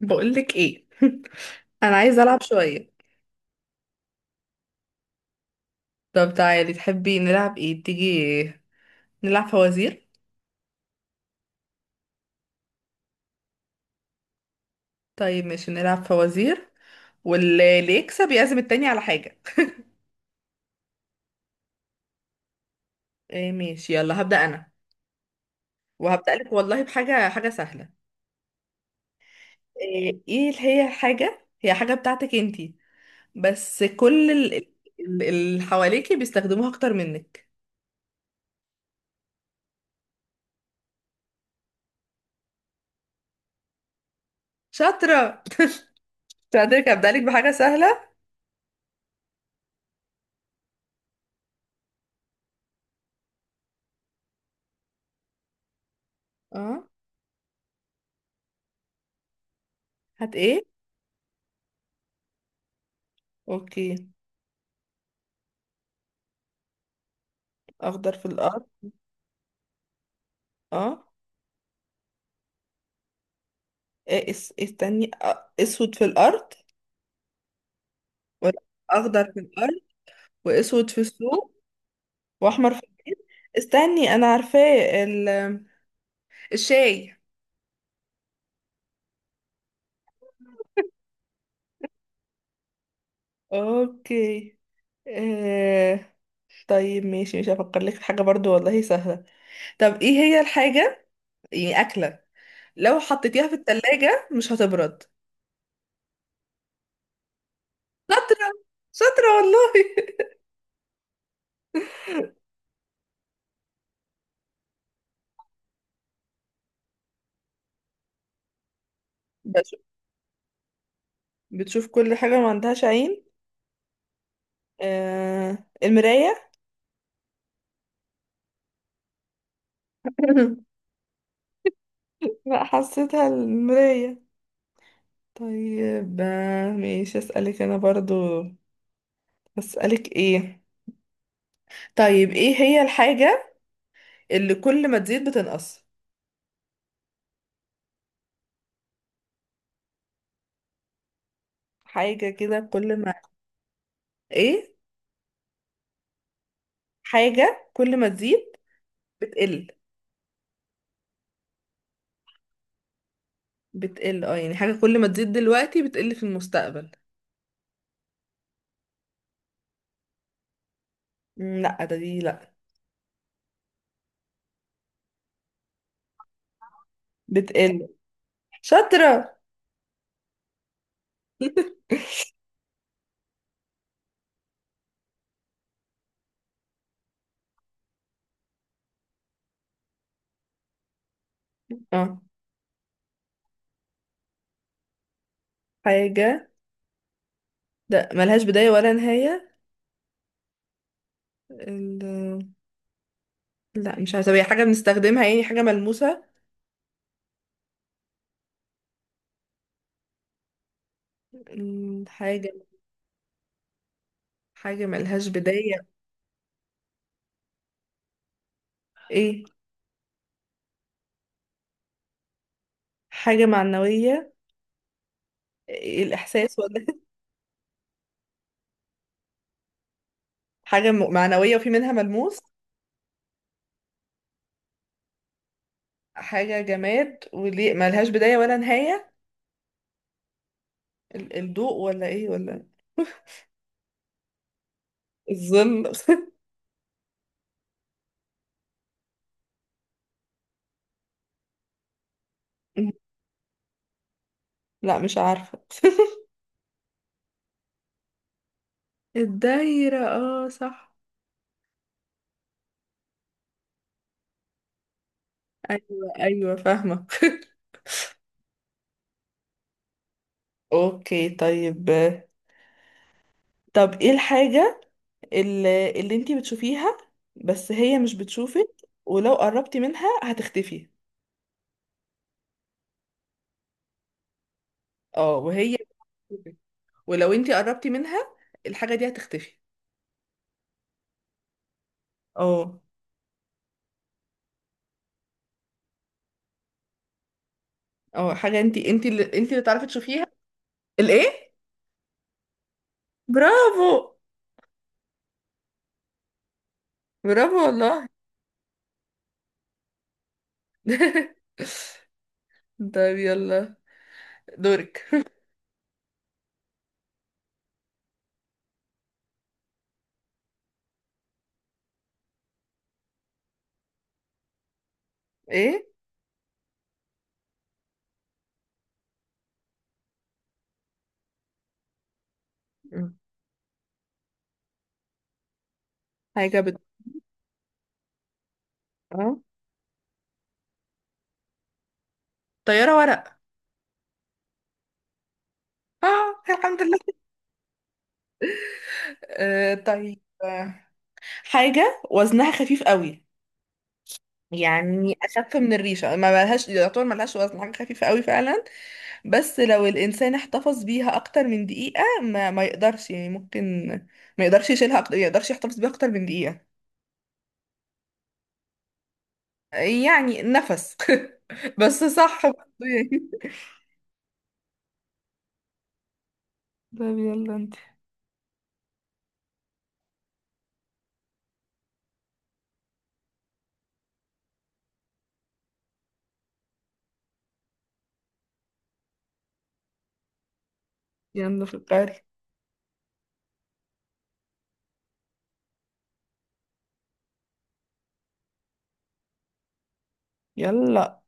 بقولك ايه؟ انا عايزه العب شويه. طب تعالي، تحبي نلعب ايه؟ تيجي نلعب فوازير. طيب ماشي، نلعب فوازير، واللي يكسب يعزم التاني على حاجه. إيه ماشي، يلا هبدا انا وهبدا لك والله بحاجه حاجه سهله. ايه؟ إيه اللي هي حاجه، هي حاجه بتاعتك انتي بس كل اللي حواليكي بيستخدموها اكتر منك. شاطره، شاطرك. هبدا لك بحاجه سهله. اه، هات ايه. اوكي. اخضر في الارض. اه. إيه استني، اسود في الارض؟ واخضر في الارض، واسود في السوق، واحمر في... استني انا عارفاه، ال... الشاي. اوكي. آه... طيب ماشي، مش هفكر لك في حاجة برضو والله سهلة. طب ايه هي الحاجة؟ يعني اكلة لو حطيتيها في التلاجة مش هتبرد. شاطرة، شاطرة والله. بشوف. بتشوف كل حاجة ما عندهاش عين. المراية. لا حسيتها المراية. طيب، ماشي اسألك انا برضو. اسألك ايه؟ طيب، ايه هي الحاجة اللي كل ما تزيد بتنقص؟ حاجة كده كل ما... ايه؟ حاجة كل ما تزيد بتقل. بتقل. اه، يعني حاجة كل ما تزيد دلوقتي بتقل في المستقبل. مم، لا ده دي لا. بتقل. شاطرة. اه، حاجة ده ملهاش بداية ولا نهاية. ال... لا مش عارفة، طب هي حاجة بنستخدمها؟ يعني حاجة ملموسة؟ مم، حاجة، حاجة ملهاش بداية. ايه؟ حاجة معنوية؟ الإحساس ولا؟ حاجة معنوية وفي منها ملموس. حاجة جماد وليه ملهاش بداية ولا نهاية. الضوء ولا إيه ولا الظل؟ لا مش عارفة. الدايرة، اه صح. أيوة أيوة فاهمة. أوكي طيب. طب إيه الحاجة اللي أنتي بتشوفيها بس هي مش بتشوفك، ولو قربتي منها هتختفي؟ اه، وهي بتشوفك، ولو أنتي قربتي منها الحاجة دي هتختفي. اه. اه، حاجة انت اللي تعرفي تشوفيها. الايه؟ برافو، برافو والله. طيب يلا، دورك. ايه؟ مم. حاجة بت اه، طيارة ورق. اه الحمد لله. طيب، حاجة وزنها خفيف قوي، يعني أخف من الريشة، ما لهاش يعتبر ما لهاش وزن، حاجة خفيفة قوي فعلا، بس لو الإنسان احتفظ بيها أكتر من دقيقة ما يقدرش، يعني ممكن ما يقدرش يشيلها أكتر، ما يقدرش يحتفظ بيها أكتر من دقيقة. يعني نفس. بس صح برضه يعني. طيب يلا انت. يلا فكري. يلا.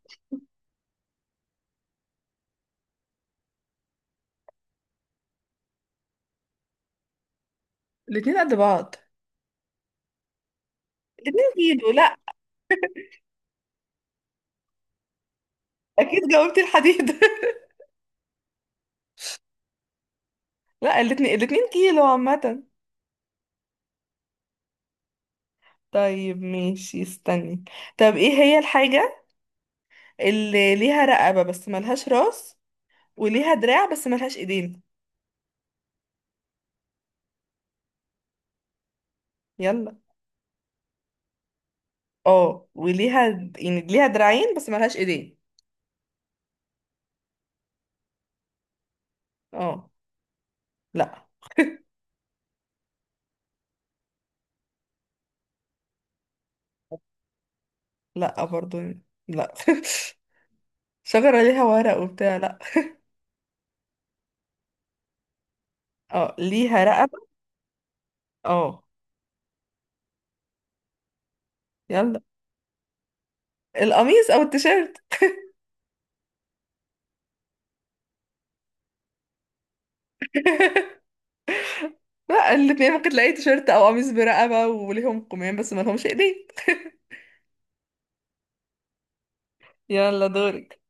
الاتنين قد بعض. الاتنين. كيلو؟ لا. اكيد جاوبتي الحديد. لا، الاتنين الاتنين كيلو عامة. طيب ماشي استني. طب ايه هي الحاجة اللي ليها رقبة بس ملهاش راس، وليها دراع بس ملهاش ايدين؟ يلا. اه، وليها، يعني ليها دراعين بس ملهاش ايدين. اه. لا. لا برضه، لا. شجرة ليها ورق وبتاع، لا. اه، ليها رقبة. اه. يلا. القميص او التيشيرت. لا، الاتنين، ممكن تلاقي تيشيرت او قميص برقبة وليهم قمام بس ما لهمش ايدين. يلا دورك.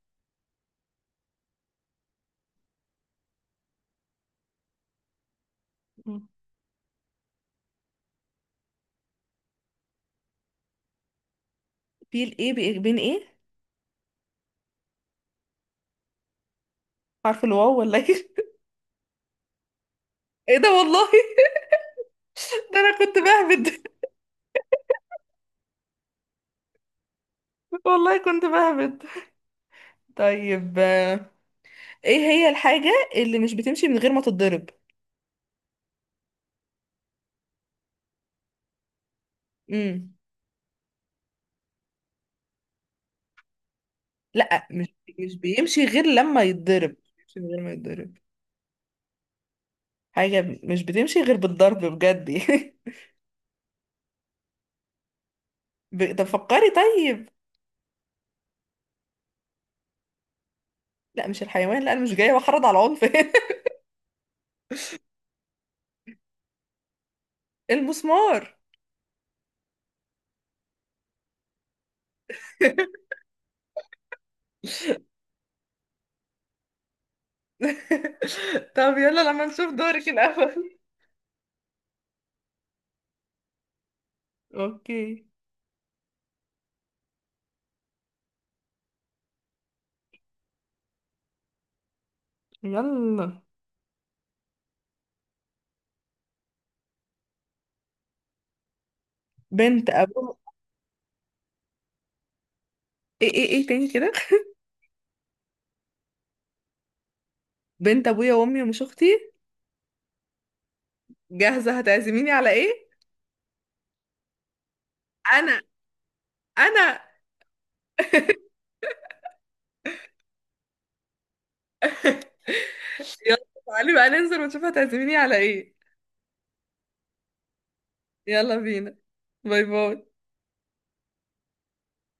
في الايه؟ بين ايه؟ عارف الواو ولا ايه؟ ايه ده والله. ده انا كنت بهبد. والله كنت بهبد. طيب، ايه هي الحاجة اللي مش بتمشي من غير ما تتضرب؟ امم. لا مش بيمشي غير لما يتضرب، مش بيمشي من غير ما يتضرب. حاجة مش بتمشي غير بالضرب بجد. طب فكري طيب. لا مش الحيوان، لا، انا مش جايه بحرض على العنف. المسمار. طب يلا لما نشوف دورك الأول. اوكي. يلا. بنت ابو ايه تاني كده؟ بنت ابويا وامي ومش اختي. جاهزه، هتعزميني على ايه؟ انا انا. يلا تعالي بقى ننزل ونشوف هتعزميني على ايه. يلا بينا. باي باي.